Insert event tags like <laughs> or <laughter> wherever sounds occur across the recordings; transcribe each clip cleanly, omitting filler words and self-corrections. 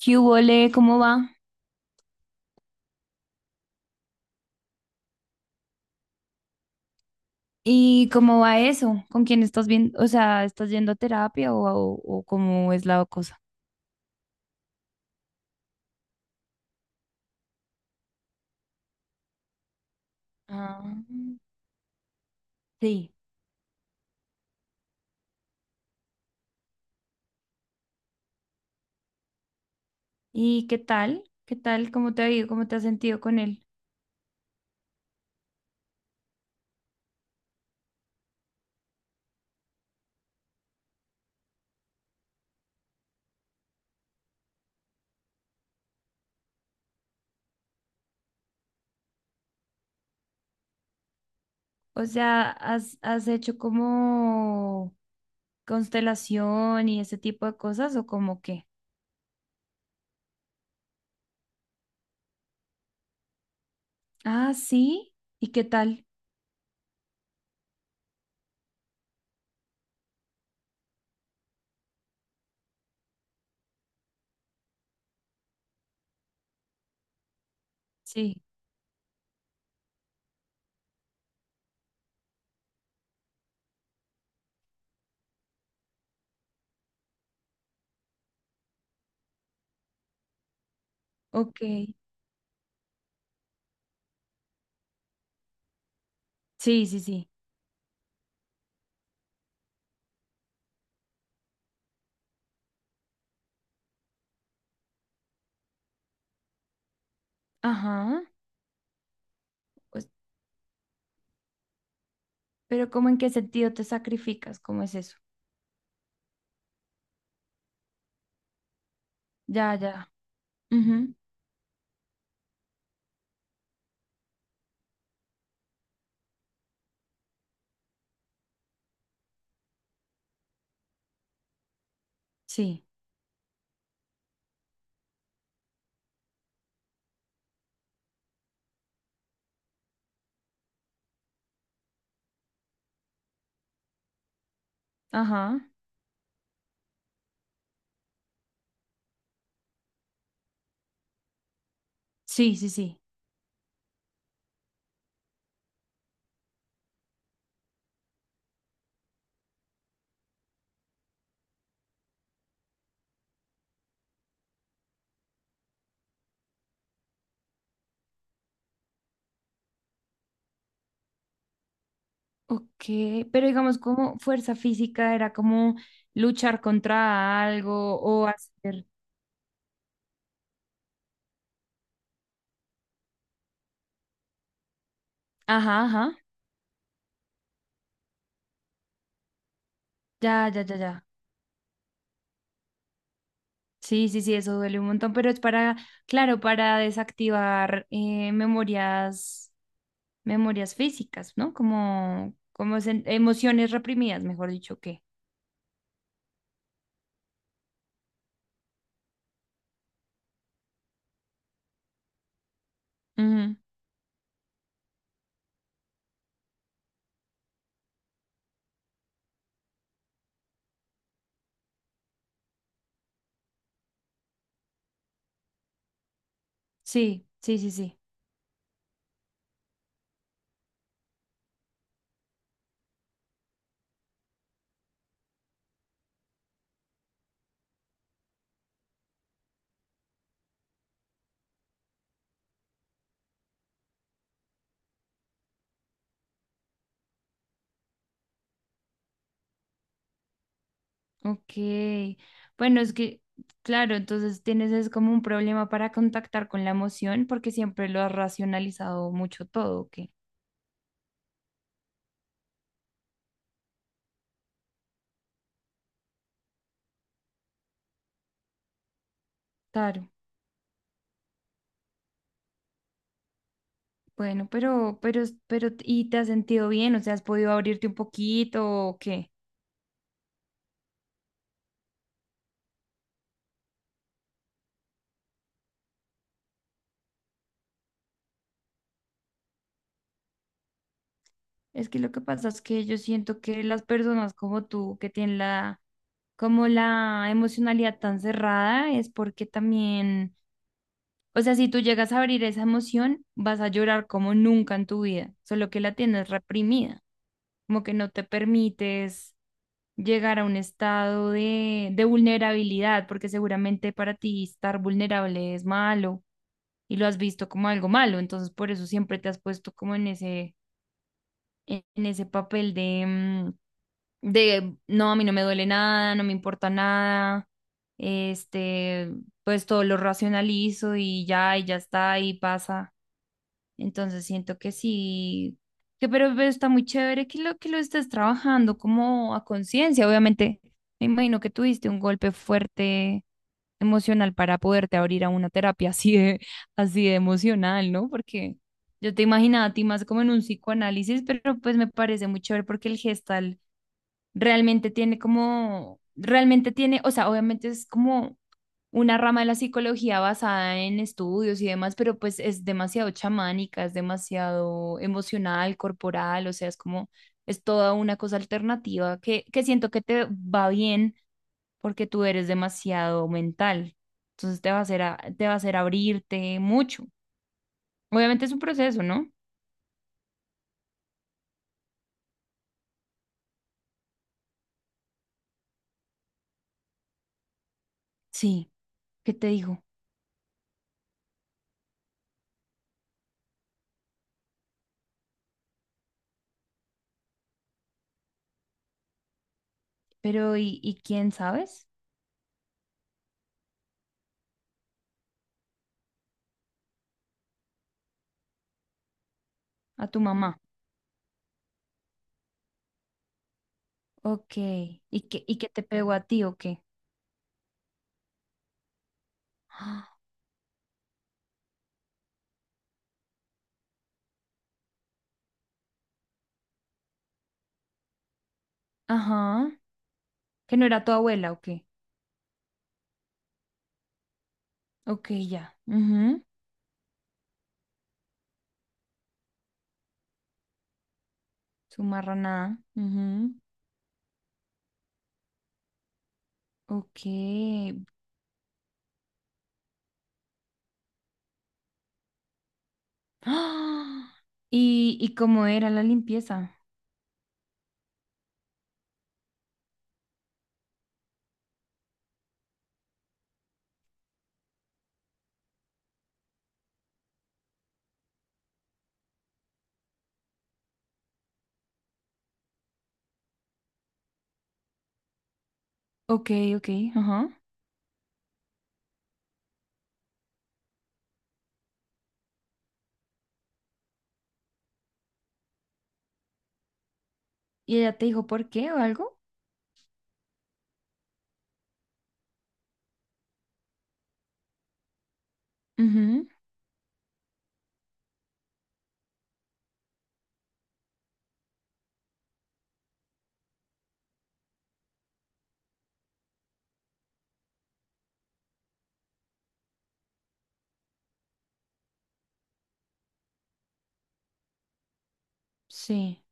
¿Qué hubo, le? ¿Cómo va? ¿Y cómo va eso? ¿Con quién estás viendo? O sea, ¿estás yendo a terapia o cómo es la cosa? Ah, sí. ¿Y qué tal? ¿Qué tal? ¿Cómo te ha ido? ¿Cómo te has sentido con él? O sea, ¿has hecho como constelación y ese tipo de cosas o como qué? Ah, sí. ¿Y qué tal? Sí. Ok. Sí, sí, sí. Ajá. Pues, pero ¿cómo en qué sentido te sacrificas? ¿Cómo es eso? Ya, ya. Ujú. Sí. Ajá. Sí, sí, sí. Ok, pero digamos como fuerza física era como luchar contra algo o hacer... Ajá, ajá. Ya, ya, ya, ya. Sí, sí, sí, eso duele un montón, pero es para, claro, para desactivar memorias, memorias físicas, ¿no? Como, como emociones reprimidas, mejor dicho, que. Ujú. Sí, sí, sí, sí. Ok, bueno, es que, claro, entonces tienes es como un problema para contactar con la emoción porque siempre lo has racionalizado mucho todo, ¿ok? Claro, bueno, pero, ¿y te has sentido bien? O sea, ¿has podido abrirte un poquito o qué? Es que lo que pasa es que yo siento que las personas como tú que tienen la, como la emocionalidad tan cerrada es porque también... O sea, si tú llegas a abrir esa emoción, vas a llorar como nunca en tu vida, solo que la tienes reprimida. Como que no te permites llegar a un estado de vulnerabilidad, porque seguramente para ti estar vulnerable es malo y lo has visto como algo malo, entonces por eso siempre te has puesto como en ese, en ese papel de, de, no, a mí no me duele nada, no me importa nada, este, pues todo lo racionalizo y ya está, y pasa. Entonces siento que sí, que pero está muy chévere que lo estés trabajando como a conciencia. Obviamente, me imagino que tuviste un golpe fuerte emocional para poderte abrir a una terapia <laughs> así de emocional, ¿no? Porque yo te imaginaba a ti más como en un psicoanálisis, pero pues me parece muy chévere porque el gestal realmente tiene como, realmente tiene, o sea, obviamente es como una rama de la psicología basada en estudios y demás, pero pues es demasiado chamánica, es demasiado emocional, corporal, o sea, es como, es toda una cosa alternativa que siento que te va bien porque tú eres demasiado mental. Entonces te va a hacer, te va a hacer abrirte mucho. Obviamente es un proceso, ¿no? Sí, ¿qué te digo? Pero ¿y quién sabes? A tu mamá. Ok. Y qué te pegó a ti o qué? Ah, ajá. ¿Que no era tu abuela o qué? Ok, ya. Ujú. Su marranada. Ujú. Ok. ¡Ah! ¿Y cómo era la limpieza? Ok, ok, ajá. ¿Y ella te dijo por qué o algo? Ujú. Sí.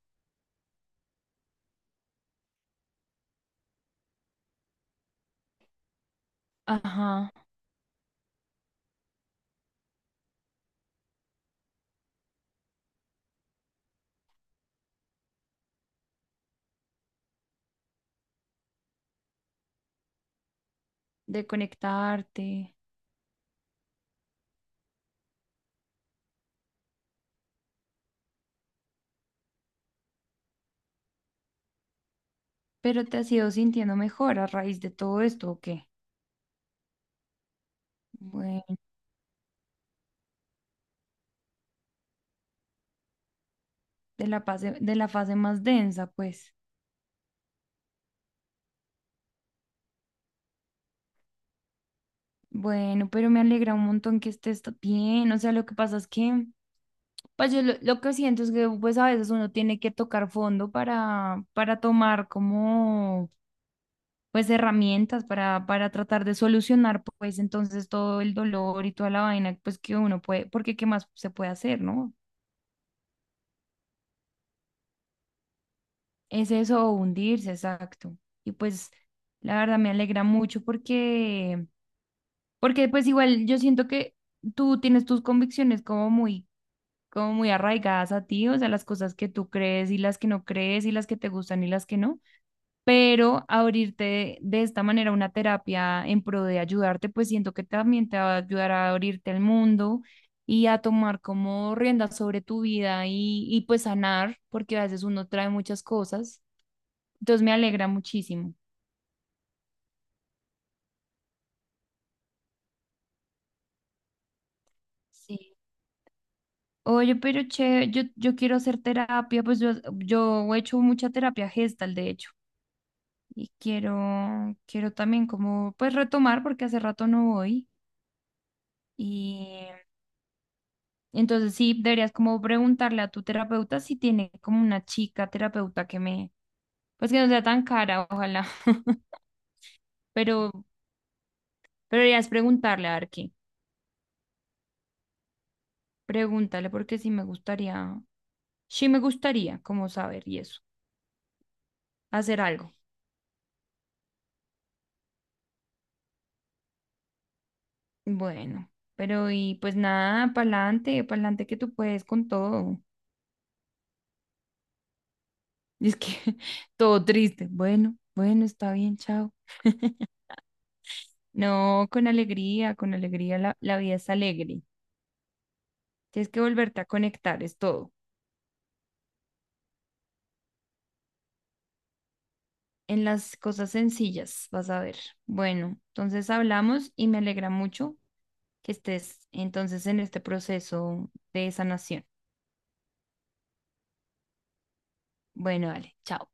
Ajá. De conectarte. Pero te has ido sintiendo mejor a raíz de todo esto, ¿o qué? Bueno, de la fase más densa, pues. Bueno, pero me alegra un montón que estés bien. O sea, lo que pasa es que, pues yo lo que siento es que pues a veces uno tiene que tocar fondo para tomar como pues herramientas para tratar de solucionar pues entonces todo el dolor y toda la vaina pues que uno puede, porque qué más se puede hacer, ¿no? Es eso, o hundirse, exacto. Y pues la verdad me alegra mucho porque, porque pues igual yo siento que tú tienes tus convicciones como muy arraigadas a ti, o sea, las cosas que tú crees y las que no crees y las que te gustan y las que no, pero abrirte de esta manera una terapia en pro de ayudarte, pues siento que también te va a ayudar a abrirte al mundo y a tomar como riendas sobre tu vida y pues sanar, porque a veces uno trae muchas cosas, entonces me alegra muchísimo. Sí. Oye, pero che, yo quiero hacer terapia, pues yo he hecho mucha terapia gestal, de hecho. Y quiero, quiero también como pues retomar porque hace rato no voy y entonces sí deberías como preguntarle a tu terapeuta si tiene como una chica terapeuta que me pues que no sea tan cara, ojalá. <laughs> Pero pero deberías preguntarle a ver qué. Pregúntale porque sí me gustaría como saber y eso, hacer algo. Bueno, pero y pues nada, pa'lante, pa'lante que tú puedes con todo. <laughs> Y es que <laughs> todo triste. Bueno, bueno, está bien, chao. <laughs> No, con alegría, la vida es alegre. Tienes que volverte a conectar, es todo. En las cosas sencillas, vas a ver. Bueno, entonces hablamos y me alegra mucho que estés entonces en este proceso de sanación. Bueno, dale, chao.